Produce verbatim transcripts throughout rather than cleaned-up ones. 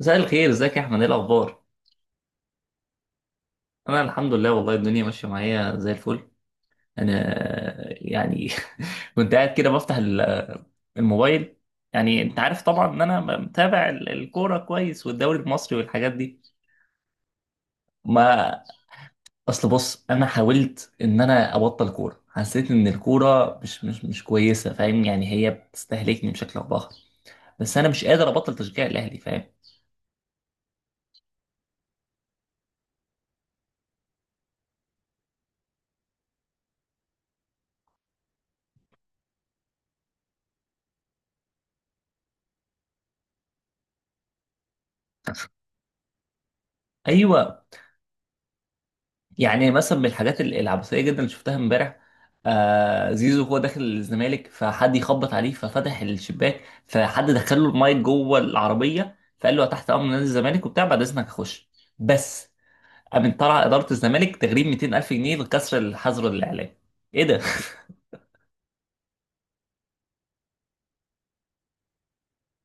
مساء الخير، ازيك يا احمد؟ ايه الاخبار؟ انا الحمد لله، والله الدنيا ماشيه معايا زي الفل. انا يعني كنت قاعد كده بفتح ال- الموبايل. يعني انت عارف طبعا ان انا متابع ال- الكوره كويس، والدوري المصري والحاجات دي. ما اصل بص، انا حاولت ان انا ابطل كوره، حسيت ان الكوره مش مش مش كويسه. فاهم؟ يعني هي بتستهلكني بشكل او باخر، بس انا مش قادر ابطل تشجيع الاهلي. فاهم؟ ايوه. يعني مثلا من الحاجات ال- العبثيه جدا اللي شفتها امبارح، آه زيزو هو داخل الزمالك فحد يخبط عليه ففتح الشباك، فحد دخل له المايك جوه العربيه، فقال له تحت امر نادي الزمالك وبتاع، بعد اذنك اخش بس. قامت طلع اداره الزمالك تغريم مئتين الف جنيه لكسر الحظر الاعلامي. ايه ده؟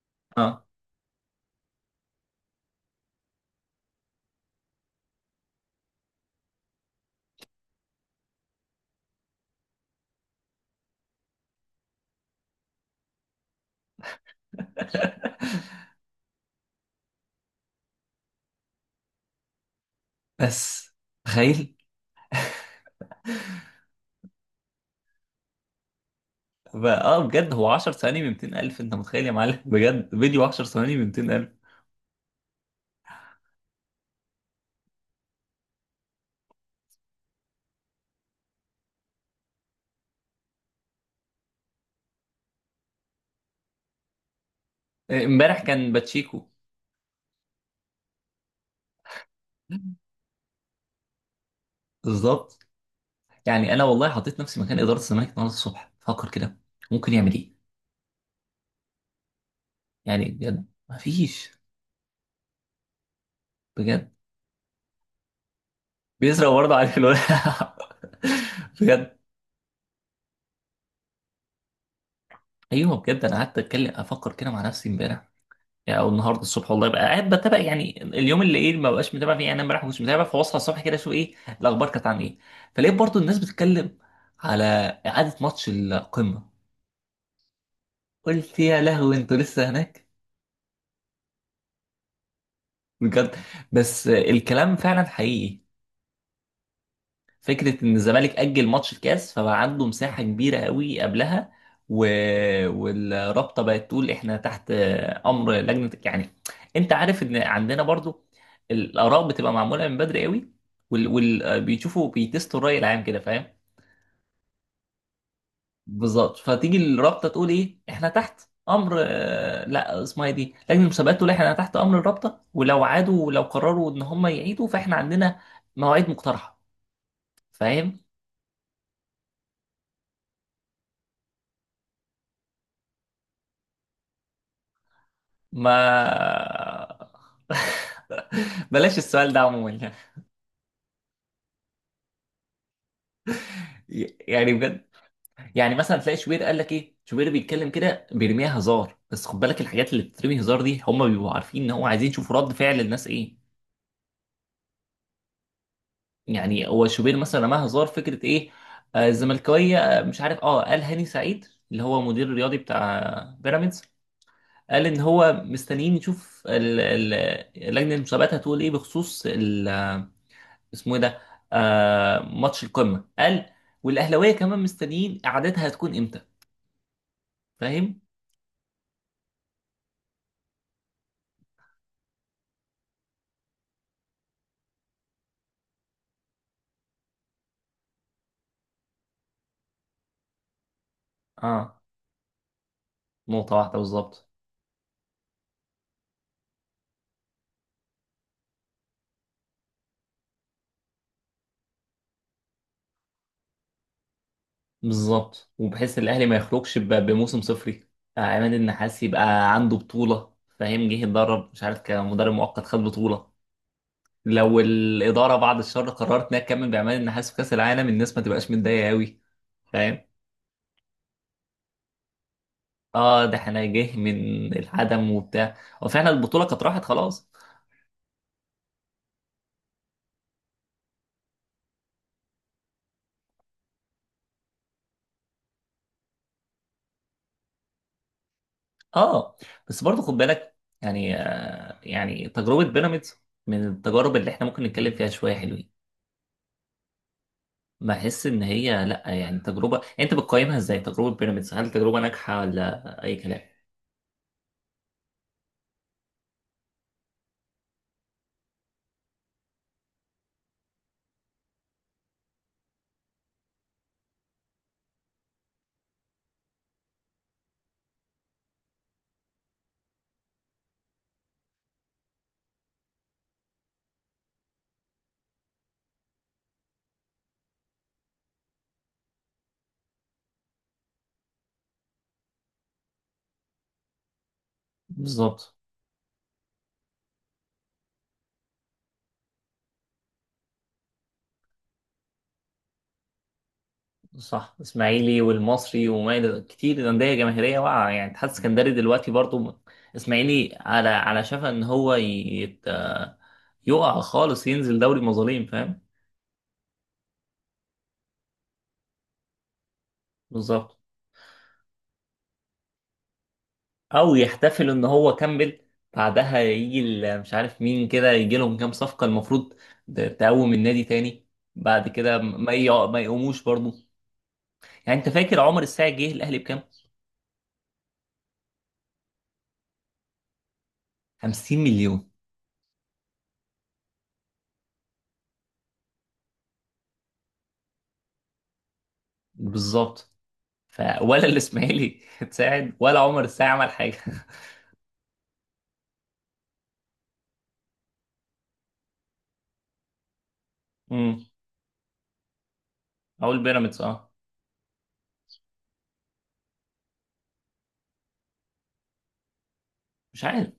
اه. بس تخيل، ب- اه بجد هو 10 ثواني ب ميتين الف. انت متخيل يا معلم؟ بجد، فيديو 10 ثواني ب ميتين الف. امبارح كان باتشيكو. بالظبط. يعني انا والله حطيت نفسي مكان اداره الزمالك النهارده الصبح، فكر كده ممكن يعمل ايه. يعني بجد مفيش. بجد بيزرع برضه عليه الولد. بجد. ايوه بجد، انا قعدت اتكلم افكر كده مع نفسي امبارح، يعني او النهارده الصبح، والله بقى قاعد بتابع يعني اليوم اللي ايه ما بقاش متابع فيه. يعني انا امبارح مش متابع، فبصحى الصبح كده اشوف ايه الاخبار كانت عن ايه. فلقيت برضه الناس بتتكلم على اعاده ماتش القمه. قلت يا لهوي، انتوا لسه هناك؟ بجد! بس الكلام فعلا حقيقي. فكره ان الزمالك اجل ماتش الكاس فبقى عنده مساحه كبيره قوي قبلها، و... والرابطه بقت تقول احنا تحت امر لجنه يعني. انت عارف ان عندنا برضو الاراء بتبقى معموله من بدري قوي، وال... وال... بيشوفوا بيتستوا الراي العام كده. فاهم؟ بالظبط، فتيجي الرابطه تقول ايه، احنا تحت امر آه، لا، اسمها إيه دي، لجنه المسابقات، تقول احنا تحت امر الرابطه، ولو عادوا ولو قرروا ان هم يعيدوا فاحنا عندنا مواعيد مقترحه. فاهم؟ ما بلاش السؤال ده عموما. يعني بجد، يعني مثلا تلاقي شوبير قال لك ايه، شوبير بيتكلم كده بيرميها هزار، بس خد بالك الحاجات اللي بتترمي هزار دي هم بيبقوا عارفين ان هو عايزين يشوفوا رد فعل الناس ايه. يعني هو شوبير مثلا رماها هزار فكره ايه، آه، الزملكاويه آه، مش عارف، اه، قال هاني سعيد اللي هو مدير الرياضي بتاع بيراميدز، قال ان هو مستنيين يشوف ال- ال- لجنه المسابقات هتقول ايه بخصوص ال- اسمه ايه ده، آه ماتش القمه، قال. والاهلاويه كمان مستنيين قعدتها هتكون امتى. فاهم؟ اه، نقطه واحده بالظبط. بالظبط، وبحيث الاهلي ما يخرجش ب- بموسم صفري. آه عماد النحاس يبقى عنده بطوله. فاهم؟ جه يتدرب مش عارف كمدرب مؤقت خد بطوله. لو الاداره بعد الشر قررت انها تكمل بعماد النحاس في كاس العالم، الناس ما تبقاش متضايقه قوي. فاهم؟ اه، ده احنا جه من العدم وبتاع، وفعلا البطوله كانت راحت خلاص. اه، بس برضه خد بالك، يعني آه يعني تجربه بيراميدز من التجارب اللي احنا ممكن نتكلم فيها شويه حلوين. بحس ان هي لا، يعني تجربه، يعني انت بتقيمها ازاي تجربه بيراميدز، هل تجربه ناجحه ولا اي كلام. بالظبط. صح، اسماعيلي والمصري وما الى كتير انديه جماهيريه واقعه يعني، اتحاد اسكندري دلوقتي برضه. اسماعيلي على على شفا ان هو يت... آه، يقع خالص ينزل دوري مظالم. فاهم؟ بالظبط. او يحتفلوا ان هو كمل، بعدها يجي ال- مش عارف مين كده يجي لهم كام صفقة المفروض، ت- تقوم النادي تاني، بعد كده ما يقع- ما يقوموش برضو. يعني انت فاكر عمر الساعي جه الاهلي بكام؟ 50 مليون. بالظبط. ف ولا الاسماعيلي اتساعد ولا عمر الساعي عمل حاجة. امم اقول بيراميدز اه. مش عارف.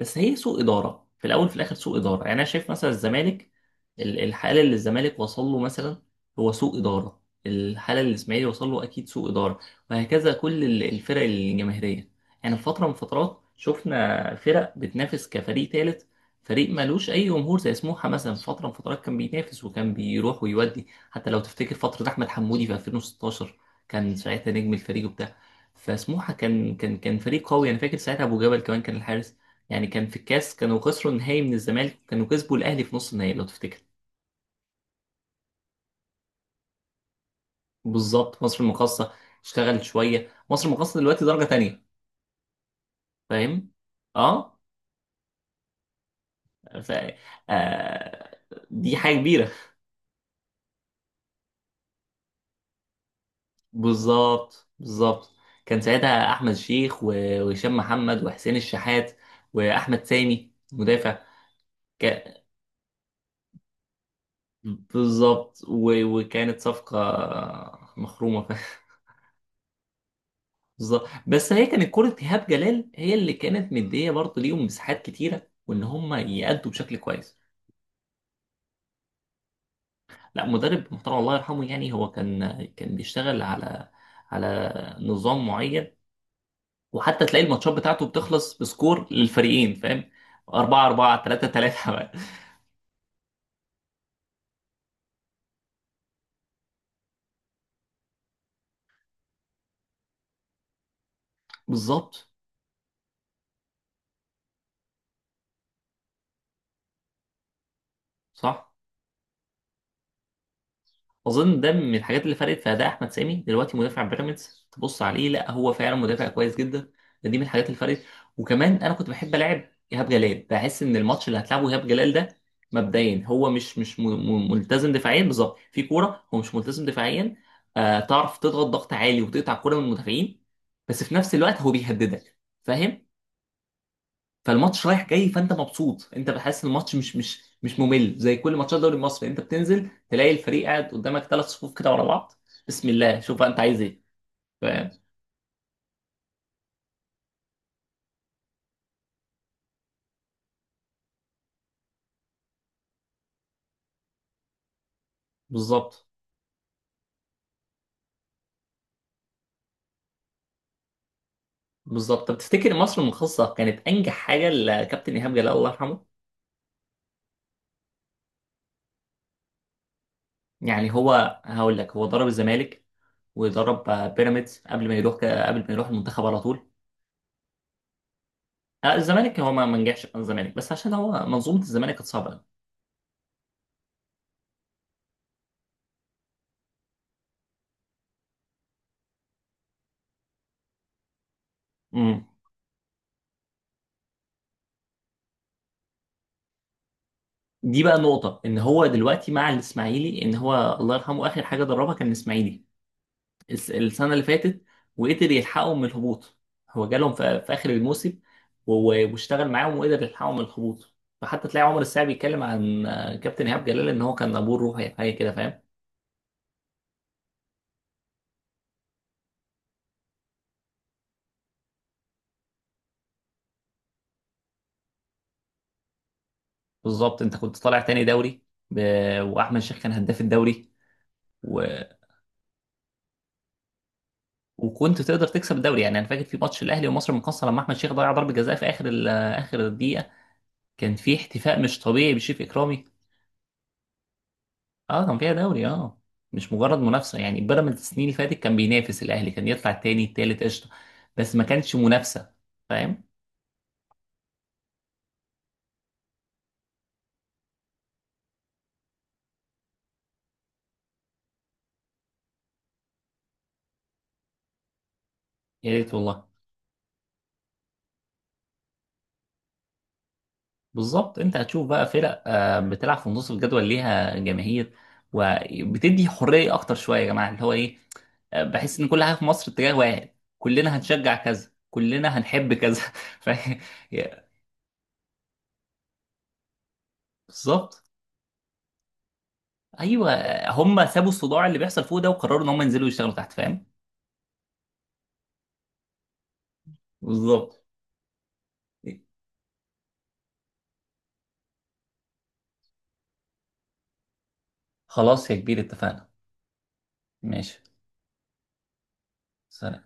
بس هي سوء اداره، في الاول في الاخر سوء اداره. يعني انا شايف مثلا الزمالك، ال- الحاله اللي الزمالك وصل له مثلا هو سوء اداره، الحاله اللي الاسماعيلي وصل له اكيد سوء اداره، وهكذا كل ال- الفرق الجماهيريه. يعني في فتره من فترات شفنا فرق بتنافس كفريق ثالث، فريق مالوش اي جمهور، زي سموحه مثلا، في فتره من فترات كان بينافس وكان بيروح ويودي، حتى لو تفتكر فتره احمد حمودي في الفين وستاشر كان ساعتها نجم الفريق وبتاع. فسموحه كان كان كان فريق قوي. انا فاكر ساعتها ابو جبل كمان كان الحارس. يعني كان في الكاس كانوا خسروا النهائي من الزمالك، كانوا كسبوا الاهلي في نص النهائي لو تفتكر. بالظبط، مصر المقاصة. اشتغلت شوية مصر المقاصة، دلوقتي درجة تانية. فاهم؟ اه. ف... آه... دي حاجة كبيرة. بالظبط بالظبط، كان ساعتها احمد شيخ و- وهشام محمد وحسين الشحات واحمد سامي مدافع. ك... بالظبط، و... وكانت صفقة مخرومة. بالظبط، بس هي كانت كرة إيهاب جلال، هي اللي كانت مدية برضه ليهم مساحات كتيرة، وإن هم يأدوا بشكل كويس. لا، مدرب محترم الله يرحمه. يعني هو كان كان بيشتغل على على نظام معين، وحتى تلاقي الماتشات بتاعته بتخلص بسكور للفريقين. فاهم؟ اربعة اربعة تلاتة تلاتة. بالظبط. صح. اظن ده من الحاجات اللي فرقت في اداء احمد سامي دلوقتي، مدافع بيراميدز تبص عليه لا هو فعلا مدافع كويس جدا. دي من الحاجات اللي فرقت. وكمان انا كنت بحب العب ايهاب جلال، بحس ان الماتش اللي هتلعبه ايهاب جلال ده مبدئيا، هو مش مش م- م- ملتزم دفاعيا بالظبط في كوره، هو مش ملتزم دفاعيا. آه تعرف تضغط ضغط عالي وتقطع الكوره من المدافعين، بس في نفس الوقت هو بيهددك. فاهم؟ فالماتش رايح جاي، فانت مبسوط، انت بحس الماتش مش مش مش ممل زي كل ماتشات الدوري المصري. انت بتنزل تلاقي الفريق قاعد قدامك ثلاث صفوف كده ورا بعض، بسم الله شوف بقى انت عايز ايه. فاهم؟ بالظبط بالظبط. طب تفتكر مصر المخصصه كانت انجح حاجه لكابتن ايهاب جلال الله يرحمه؟ يعني هو هقول لك، هو ضرب الزمالك وضرب آه، بيراميدز قبل ما يروح ك- قبل ما يروح المنتخب على طول. آه، الزمالك هو ما ما نجحش مع الزمالك، بس عشان هو منظومه الزمالك كانت صعبه قوي. دي بقى نقطة، ان هو دلوقتي مع الاسماعيلي ان هو الله يرحمه اخر حاجة دربها كان الاسماعيلي الس- السنة اللي فاتت، وقدر يلحقهم من الهبوط. هو جالهم في, في اخر الموسم، و- واشتغل معاهم وقدر يلحقهم من الهبوط. فحتى تلاقي عمر الساعي بيتكلم عن آه، كابتن ايهاب جلال ان هو كان ابوه الروحي، حاجة كده. فاهم؟ بالظبط، انت كنت طالع تاني دوري. ب... واحمد شيخ كان هداف الدوري. و... وكنت تقدر تكسب الدوري. يعني انا فاكر في ماتش الاهلي ومصر المقاصة لما احمد شيخ ضيع ضربة جزاء في اخر ال... اخر الدقيقة، كان في احتفاء مش طبيعي بشريف اكرامي. اه كان فيها دوري، اه، مش مجرد منافسه. يعني بيراميدز السنين اللي فاتت كان بينافس الاهلي، كان يطلع التاني التالت قشطه، بس ما كانش منافسه. فاهم؟ يا ريت والله. بالظبط، انت هتشوف بقى فرق آه، بتلعب في نص الجدول ليها جماهير، وبتدي حريه اكتر شويه. يا جماعه، اللي هو ايه، آه، بحس ان كل حاجه في مصر اتجاه واحد، كلنا هنشجع كذا كلنا هنحب كذا. ف... بالظبط ايوه. هم سابوا الصداع اللي بيحصل فوق ده، وقرروا ان هم ينزلوا يشتغلوا تحت. فاهم؟ بالظبط. خلاص يا كبير، اتفقنا. ماشي. سلام.